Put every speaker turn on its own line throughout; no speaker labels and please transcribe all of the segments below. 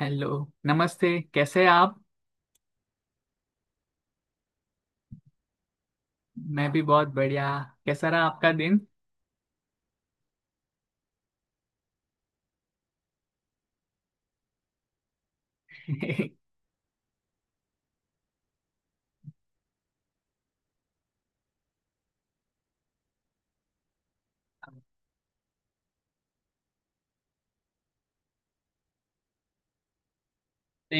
Hello. नमस्ते। कैसे हैं आप? मैं भी बहुत बढ़िया। कैसा रहा आपका दिन? नहीं।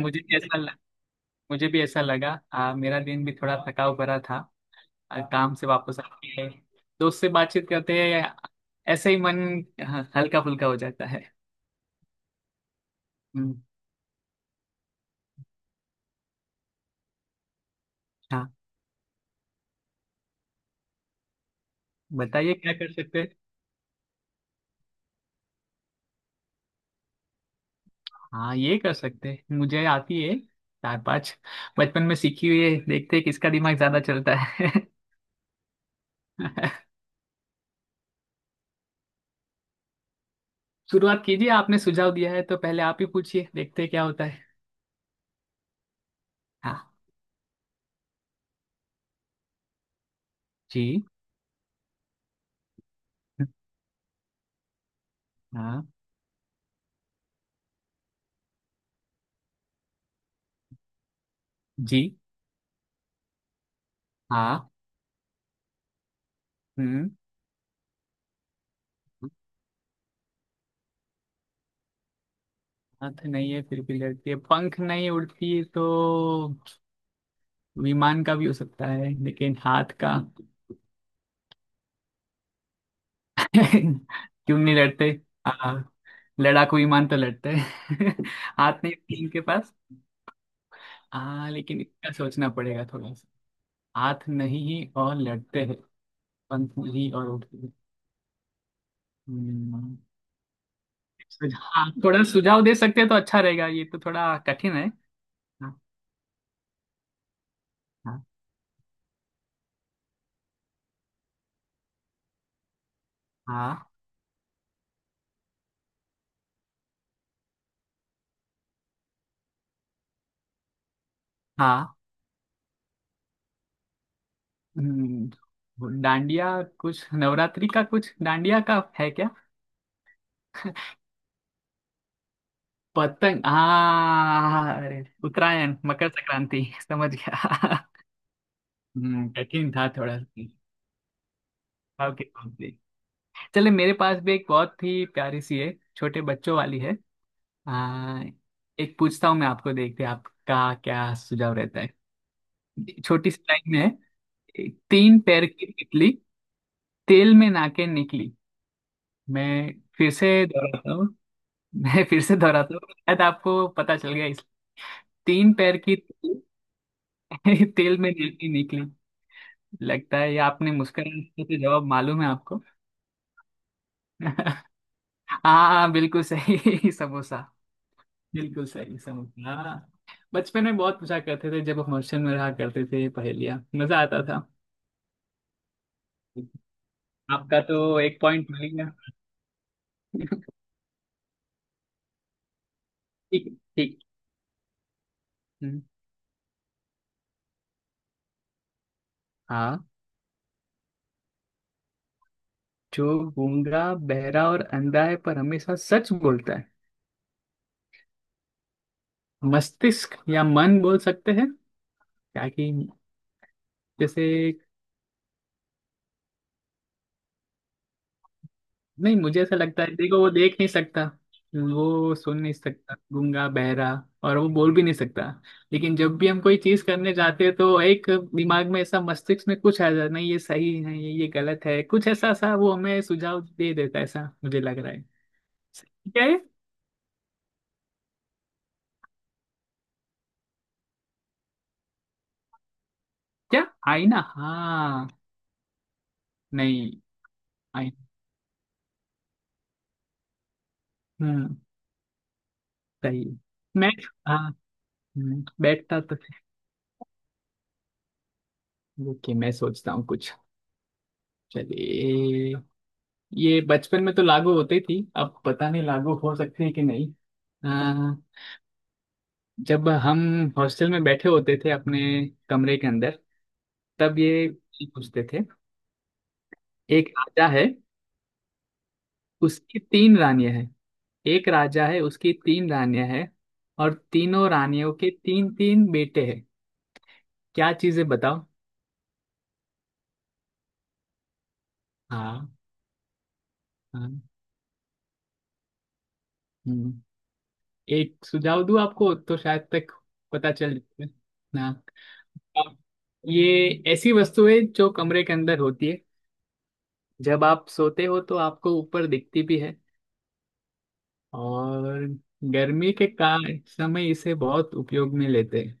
मुझे भी ऐसा लग, मुझे भी ऐसा लगा। मेरा दिन भी थोड़ा थकाव भरा था। काम से वापस आके दोस्त से बातचीत करते हैं, ऐसे ही मन हल्का फुल्का हो जाता है। हम्म। हाँ बताइए क्या कर सकते हैं। हाँ ये कर सकते हैं। मुझे आती है चार पांच, बचपन में सीखी हुई है। देखते हैं किसका दिमाग ज्यादा चलता है। शुरुआत कीजिए, आपने सुझाव दिया है तो पहले आप ही पूछिए, देखते हैं क्या होता है। हाँ जी। हाँ जी। हाँ। हम्म। हाथ नहीं है फिर भी लड़ती है, पंख नहीं उड़ती, तो विमान का भी हो सकता है लेकिन हाथ का? क्यों नहीं लड़ते? हाँ लड़ाकू विमान तो लड़ते हैं। हाथ नहीं है इनके पास। हाँ लेकिन इसका सोचना पड़ेगा थोड़ा सा। हाथ नहीं और लड़ते हैं, पंख नहीं और उड़ते हैं। हम्म। सुझाव थोड़ा सुझाव दे सकते हैं तो अच्छा रहेगा, ये तो थोड़ा कठिन है। हाँ हाँ। हाँ। हाँ। हम्म। वो डांडिया कुछ, नवरात्रि का कुछ डांडिया का है क्या? पतंग? हाँ अरे उत्तरायण मकर संक्रांति समझ गया। कठिन था थोड़ा सुझाव के तौर पे। चले, मेरे पास भी एक बहुत ही प्यारी सी है, छोटे बच्चों वाली है। आ, एक पूछता हूँ मैं आपको, देखते हैं आपका क्या सुझाव रहता है। छोटी सी लाइन में है। तीन पैर की तितली, तेल में नाके निकली। मैं फिर से दोहराता हूँ। मैं फिर से दोहराता हूँ, शायद आपको पता चल गया इस। तीन पैर की तितली, तेल में नाके निकली। लगता है ये, आपने मुस्कुराने से जवाब मालूम है आपको। हाँ। हाँ, बिल्कुल सही। समोसा। बिल्कुल सही समोसा। हाँ। हाँ। बचपन में बहुत पूछा करते थे, जब हम हॉस्टल में रहा करते थे पहेलियाँ, मजा आता था। आपका तो एक पॉइंट मिल गया। ठीक है, ठीक है। हम्म। हाँ, जो गूंगा बहरा और अंधा है पर हमेशा सच बोलता है, मस्तिष्क या मन बोल सकते हैं, ताकि जैसे। नहीं, मुझे ऐसा लगता है, देखो वो देख नहीं सकता, वो सुन नहीं सकता, गूंगा बहरा, और वो बोल भी नहीं सकता। लेकिन जब भी हम कोई चीज करने जाते हैं तो एक दिमाग में ऐसा, मस्तिष्क में कुछ आ जाता है, नहीं ये सही है, ये गलत है, कुछ ऐसा सा वो हमें सुझाव दे देता है, ऐसा मुझे लग रहा है। क्या है? क्या? आईना? हाँ। नहीं। आई। हम्म। सही है। मैं। हाँ। बैठता तो। ओके, मैं सोचता हूँ कुछ। चलिए। ये बचपन में तो लागू होती थी, अब पता नहीं लागू हो सकती है कि नहीं। आ, जब हम हॉस्टल में बैठे होते थे अपने कमरे के अंदर, तब ये पूछते थे। एक राजा है, उसकी तीन रानियां हैं। एक राजा है, उसकी तीन रानियां हैं, और तीनों रानियों के तीन तीन बेटे हैं। क्या चीजें बताओ? हाँ। हाँ। हम्म। एक सुझाव दूं आपको तो शायद तक पता चल ना। आप- ये ऐसी वस्तु है जो कमरे के अंदर होती है, जब आप सोते हो तो आपको ऊपर दिखती भी है, और गर्मी के का समय इसे बहुत उपयोग में लेते हैं।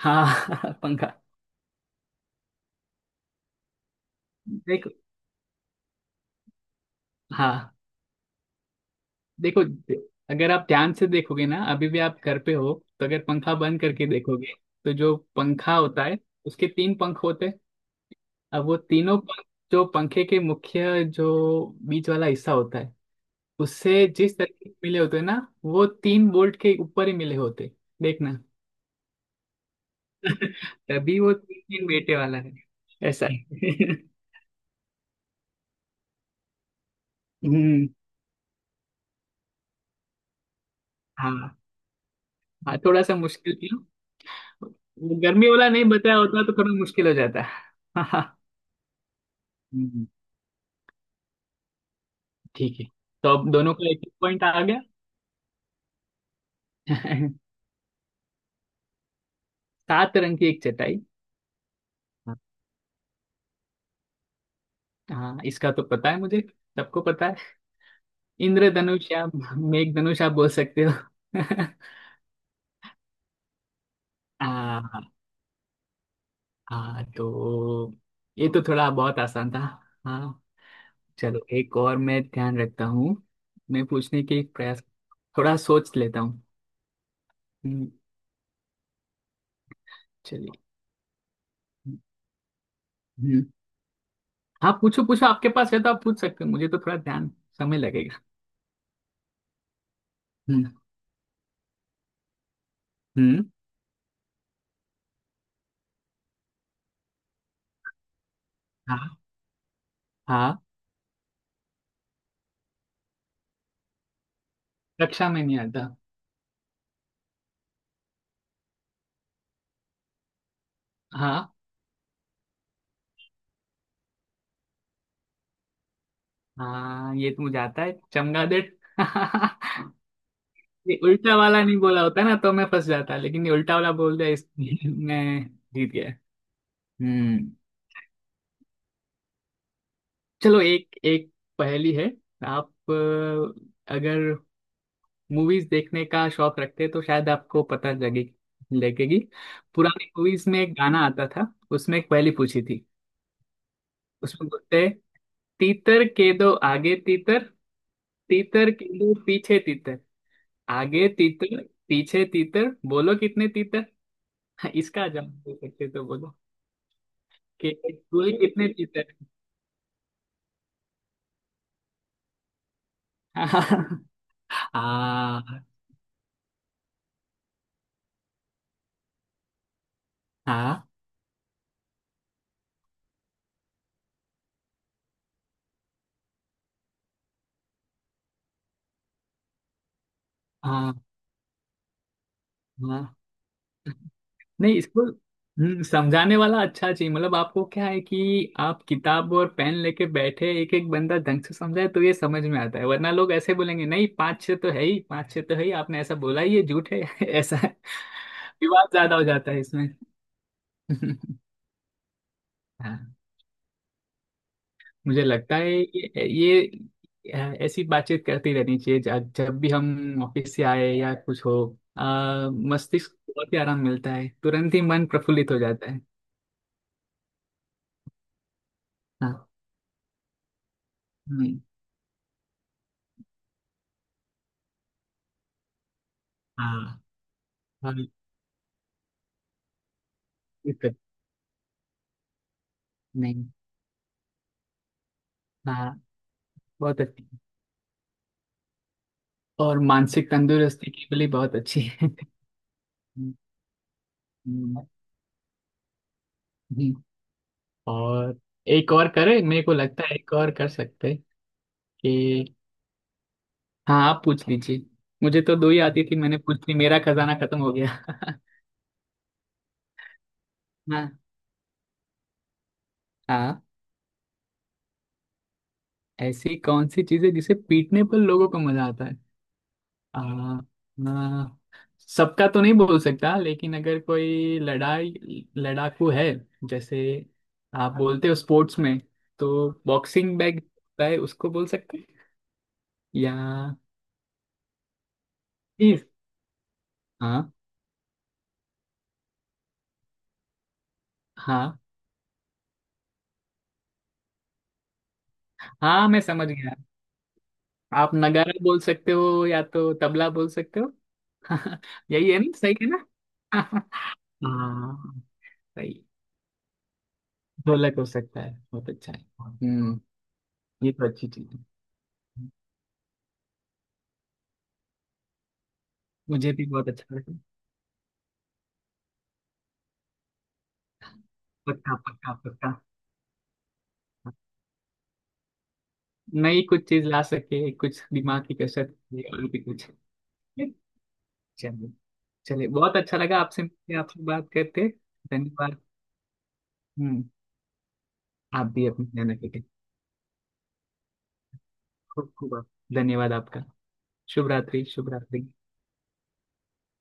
हाँ पंखा। देखो। हाँ देखो, अगर आप ध्यान से देखोगे ना, अभी भी आप घर पे हो, तो अगर पंखा बंद करके देखोगे, तो जो पंखा होता है उसके तीन पंख होते हैं। अब वो तीनों पंख, जो पंखे के मुख्य जो बीच वाला हिस्सा होता है उससे जिस तरीके से मिले होते हैं ना, वो तीन बोल्ट के ऊपर ही मिले होते, देखना। तभी वो तीन तीन बेटे वाला है। ऐसा है। हम्म। हाँ। हाँ, थोड़ा सा मुश्किल थी। वो गर्मी वाला नहीं बताया होता तो थोड़ा मुश्किल हो जाता। हम्म। ठीक है, तो अब दोनों का एक एक पॉइंट आ गया। सात रंग की एक चटाई। हाँ, इसका तो पता है मुझे, सबको पता है। इंद्रधनुष, या मेघ धनुष आप बोल सकते हो। हाँ। हाँ तो ये तो थोड़ा बहुत आसान था। हाँ। चलो, एक और मैं ध्यान रखता हूँ, मैं पूछने के प्रयास, थोड़ा सोच लेता हूँ। हम्म। चलिए। हम्म। हाँ पूछो पूछो, आपके पास है तो आप पूछ सकते हो, मुझे तो थोड़ा ध्यान, समय लगेगा। हम्म। हम्म। हाँ। हाँ कक्षा में नहीं आता। हाँ। हाँ, ये तो मुझे आता है, चमगादड़। ये उल्टा वाला नहीं बोला होता ना तो मैं फंस जाता, लेकिन ये उल्टा वाला बोल दिया इसलिए मैं जीत गया। हम्म। चलो, एक एक पहेली है। आप अगर मूवीज देखने का शौक रखते हैं तो शायद आपको पता लगे, लगेगी। पुरानी मूवीज में एक गाना आता था, उसमें एक पहेली पूछी थी। उसमें बोलते हैं: तीतर के दो आगे तीतर, तीतर के दो पीछे तीतर, आगे तीतर पीछे तीतर, बोलो कितने तीतर? हाँ, इसका जवाब दे सकते हो तो बोलो कि कोई कितने पीते हैं। हाँ। हाँ। हाँ। हाँ। नहीं, इसको समझाने वाला अच्छा चाहिए, मतलब आपको क्या है कि आप किताब और पेन लेके बैठे, एक एक बंदा ढंग से समझाए, तो ये समझ में आता है, वरना लोग ऐसे बोलेंगे नहीं, पाँच छः तो है ही, पाँच छः तो है ही, आपने ऐसा बोला ही, ये झूठ है। ऐसा विवाद ज्यादा हो जाता है इसमें। हाँ, मुझे लगता है ये ऐसी बातचीत करती रहनी चाहिए, जब जब भी हम ऑफिस से आए या कुछ हो। मस्तिष्क को बहुत ही आराम मिलता है, तुरंत ही मन प्रफुल्लित हो जाता है। हाँ। नहीं। हाँ। हाँ दिक्कत नहीं। हाँ बहुत अच्छी, और मानसिक तंदुरुस्ती के लिए बहुत अच्छी है। हम्म। हम्म। और एक और करे, मेरे को लगता है एक और कर सकते हैं कि। हाँ आप पूछ लीजिए। मुझे तो दो ही आती थी, मैंने पूछ ली, मेरा खजाना खत्म हो गया। हाँ। हाँ, ऐसी कौन सी चीज है जिसे पीटने पर लोगों को मजा आता है? आ, आ, सबका तो नहीं बोल सकता, लेकिन अगर कोई लड़ाई लड़ाकू है, जैसे आप बोलते हो स्पोर्ट्स में, तो बॉक्सिंग बैग होता है, उसको बोल सकते हैं? या इस। हाँ हाँ। हाँ मैं समझ गया। आप नगाड़ा बोल सकते हो, या तो तबला बोल सकते हो। यही है ना, सही है ना? हाँ। सही। ढोलक हो सकता है, बहुत अच्छा है। हम्म। ये तो अच्छी चीज है। मुझे भी बहुत अच्छा लगा। पक्का पक्का पक्का। नई कुछ चीज ला सके, कुछ दिमाग की कसरत, ये और भी कुछ। चलिए। चलिए, बहुत अच्छा लगा आपसे मिलके, आपसे बात करके, धन्यवाद। हम्म। आप भी अपनी ध्यान रखें, खूब खूब। आप- धन्यवाद आपका। शुभ रात्रि। शुभ रात्रि।